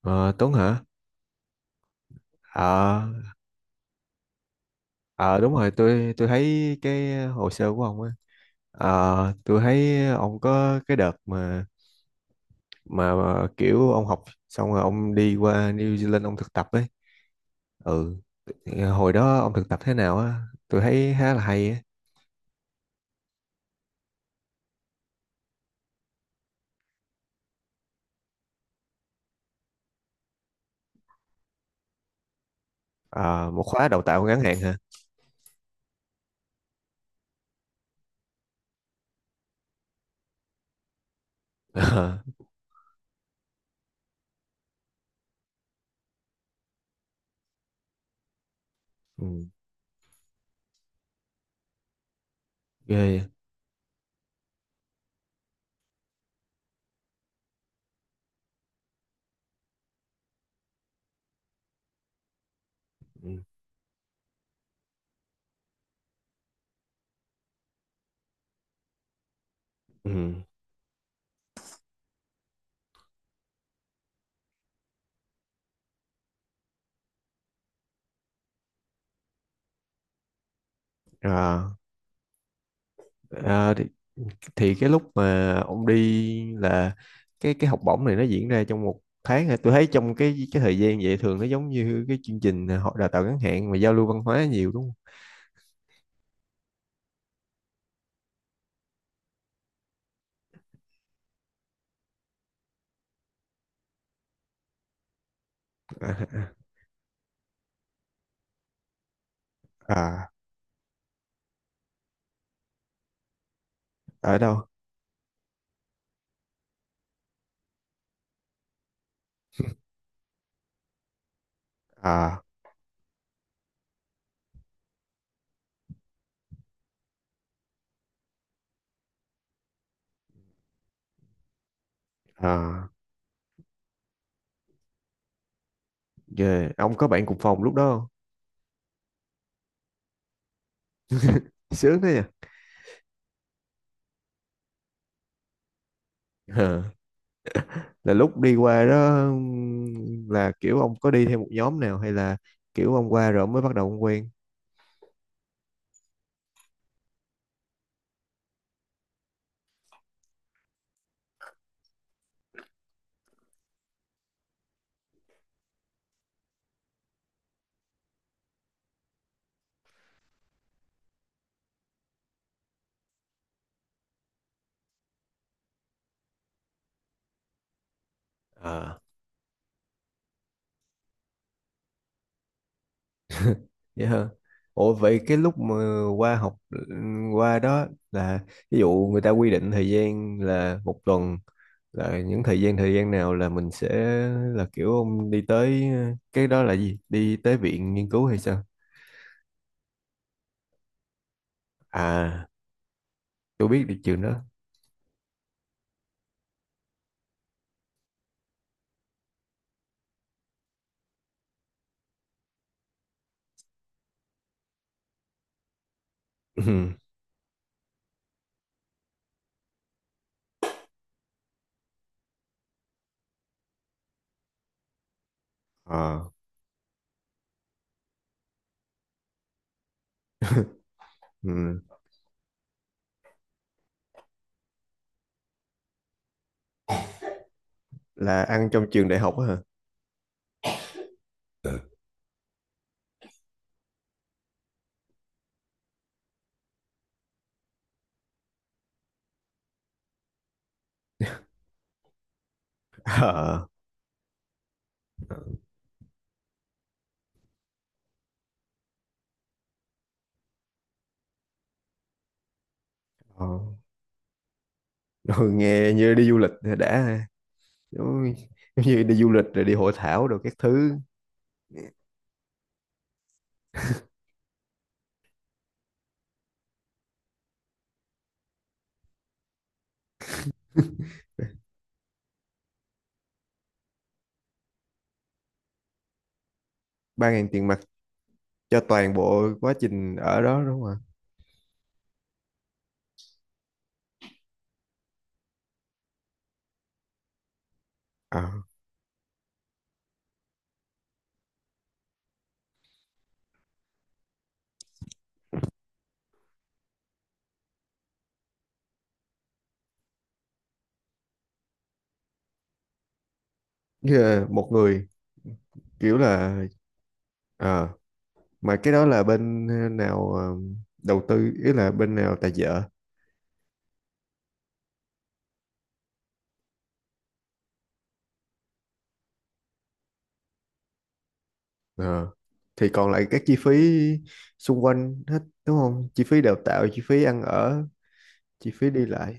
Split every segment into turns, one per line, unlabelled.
Ờ, Tuấn hả? Ờ, ờ đúng rồi, tôi thấy cái hồ sơ của ông á. Ờ, tôi thấy ông có cái đợt mà, mà kiểu ông học xong rồi ông đi qua New Zealand ông thực tập ấy. Ừ, hồi đó ông thực tập thế nào á? Tôi thấy khá là hay á. Ờ, một khóa đào tạo ngắn hạn hả? Ờ, ừ, ghê vậy. Ừ, ừ, Ờ, ờ, thì cái lúc mà ông đi là cái học bổng này nó diễn ra trong một tháng hả? Tôi thấy trong cái thời gian vậy thường nó giống như cái chương trình họ đào tạo ngắn hạn mà giao lưu văn hóa nhiều đúng không? À, à, à, à, ở đâu? À, à, ghê. Ông có bạn cùng phòng lúc đó không? Sướng thế nhỉ? Ờ. Là lúc đi qua đó, là kiểu ông có đi theo một nhóm nào hay là kiểu ông qua rồi ông mới bắt đầu ông quen? Ờ. Vậy hả? Ủa vậy cái lúc mà qua học qua đó là ví dụ người ta quy định thời gian là một tuần, là những thời gian nào là mình sẽ, là kiểu ông đi tới, cái đó là gì? Đi tới viện nghiên cứu hay sao? À, tôi biết được trường đó. Ờ. Ừ. Là ăn trong trường đại học á hả? Ờ. Ờ. Ừ, nghe như đi du lịch đã ha. Giống, giống như đi du lịch rồi đi hội thảo rồi các thứ. Ba ngàn tiền mặt cho toàn bộ quá trình ở đó đúng không ạ? À, một người, kiểu là, ờ, mà cái đó là bên nào đầu tư, ý là bên nào tài trợ? Ờ, thì còn lại các chi phí xung quanh hết đúng không, chi phí đào tạo, chi phí ăn ở, chi phí đi lại.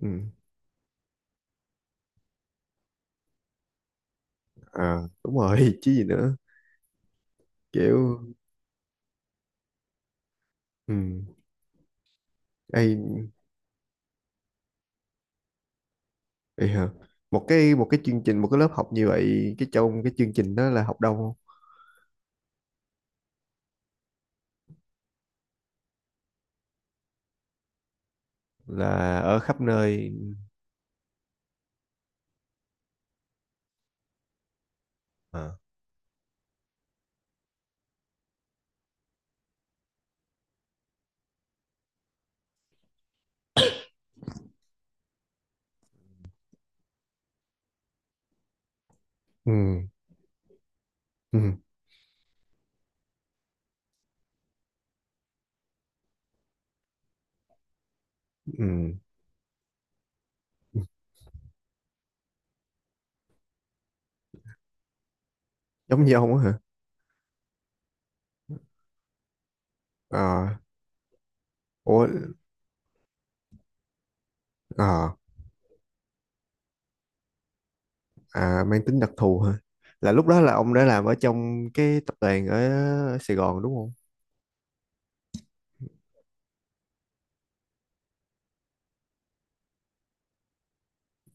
Ừ. À đúng rồi, chứ gì nữa, kiểu. Ừ. Ây, ây hờ. Một cái, một cái chương trình, một cái lớp học như vậy, cái trong cái chương trình đó là học đông không? Là ở khắp nơi. À. Ừ, ừ, ừ, ừ. Giống như ông á hả? Ờ. Ủa. Ờ. À mang tính đặc thù hả? Là lúc đó là ông đã làm ở trong cái tập đoàn ở Sài Gòn đúng không?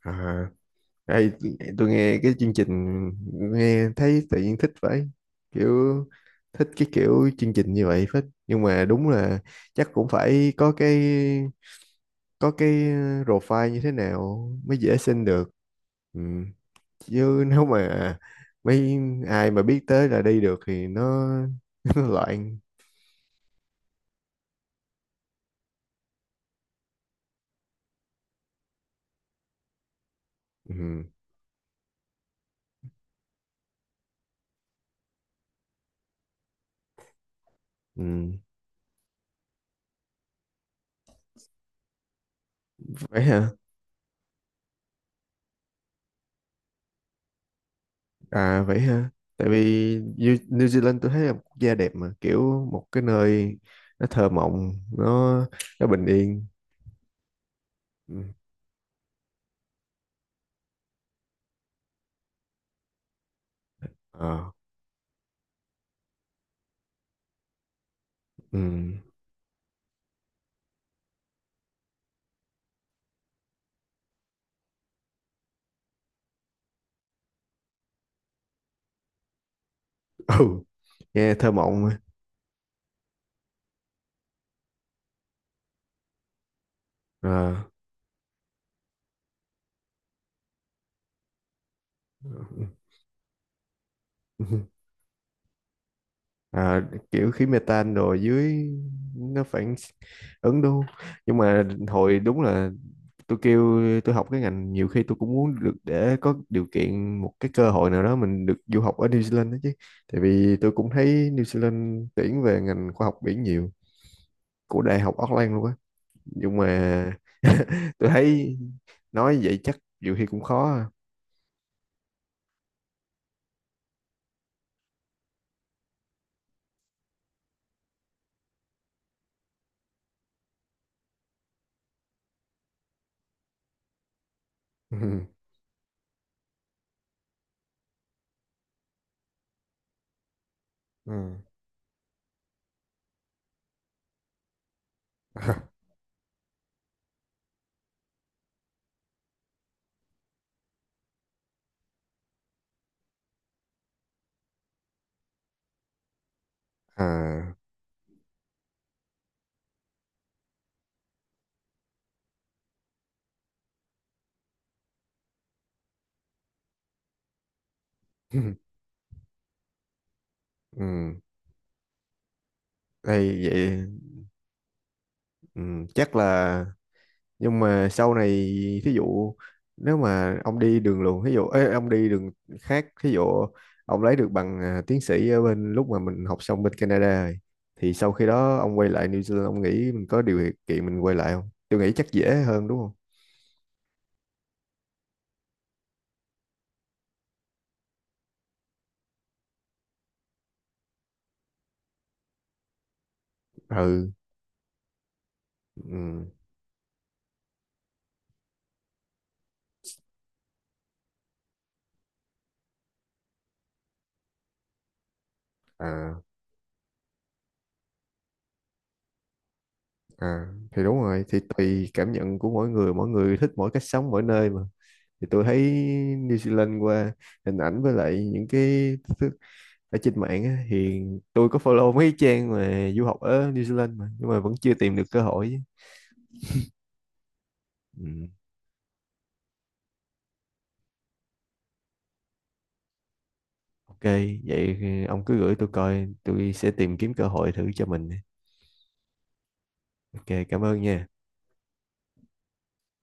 À, đây, tôi nghe cái chương trình nghe thấy tự nhiên thích vậy, kiểu thích cái kiểu chương trình như vậy phết, nhưng mà đúng là chắc cũng phải có cái, có cái profile như thế nào mới dễ xin được. Ừ, chứ nếu mà mấy ai mà biết tới là đi được thì nó, nó loạn. Ừ. Ừ. Vậy hả? À vậy hả? Tại vì New, New Zealand tôi thấy là một quốc gia đẹp mà, kiểu một cái nơi nó thơ mộng, nó nó bình yên. Ừ. Ờ. Ừ. Ừ, nghe thơ mộng mà. Ờ. À, kiểu khí mê rồi dưới nó phản ứng đúng không? Nhưng mà hồi đúng là tôi kêu tôi học cái ngành, nhiều khi tôi cũng muốn được để có điều kiện, một cái cơ hội nào đó mình được du học ở New Zealand đó chứ, tại vì tôi cũng thấy New Zealand tuyển về ngành khoa học biển nhiều, của đại học Auckland luôn á, nhưng mà tôi thấy nói vậy chắc nhiều khi cũng khó à. Ừ. Ừ. À. Ừ. Đây vậy. Ừ, chắc là, nhưng mà sau này thí dụ nếu mà ông đi đường luồng, thí dụ ê, ông đi đường khác, thí dụ ông lấy được bằng, à, tiến sĩ ở bên lúc mà mình học xong bên Canada rồi, thì sau khi đó ông quay lại New Zealand, ông nghĩ mình có điều kiện mình quay lại không? Tôi nghĩ chắc dễ hơn đúng không? Ừ, ừ, à, à, thì đúng rồi, thì tùy cảm nhận của mỗi người, mỗi người thích mỗi cách sống mỗi nơi mà. Thì tôi thấy New Zealand qua hình ảnh với lại những cái thứ ở trên mạng á, thì tôi có follow mấy trang mà du học ở New Zealand mà nhưng mà vẫn chưa tìm được cơ hội. Ừ. Ok vậy ông cứ gửi tôi coi, tôi sẽ tìm kiếm cơ hội thử cho mình. Ok, cảm ơn nha.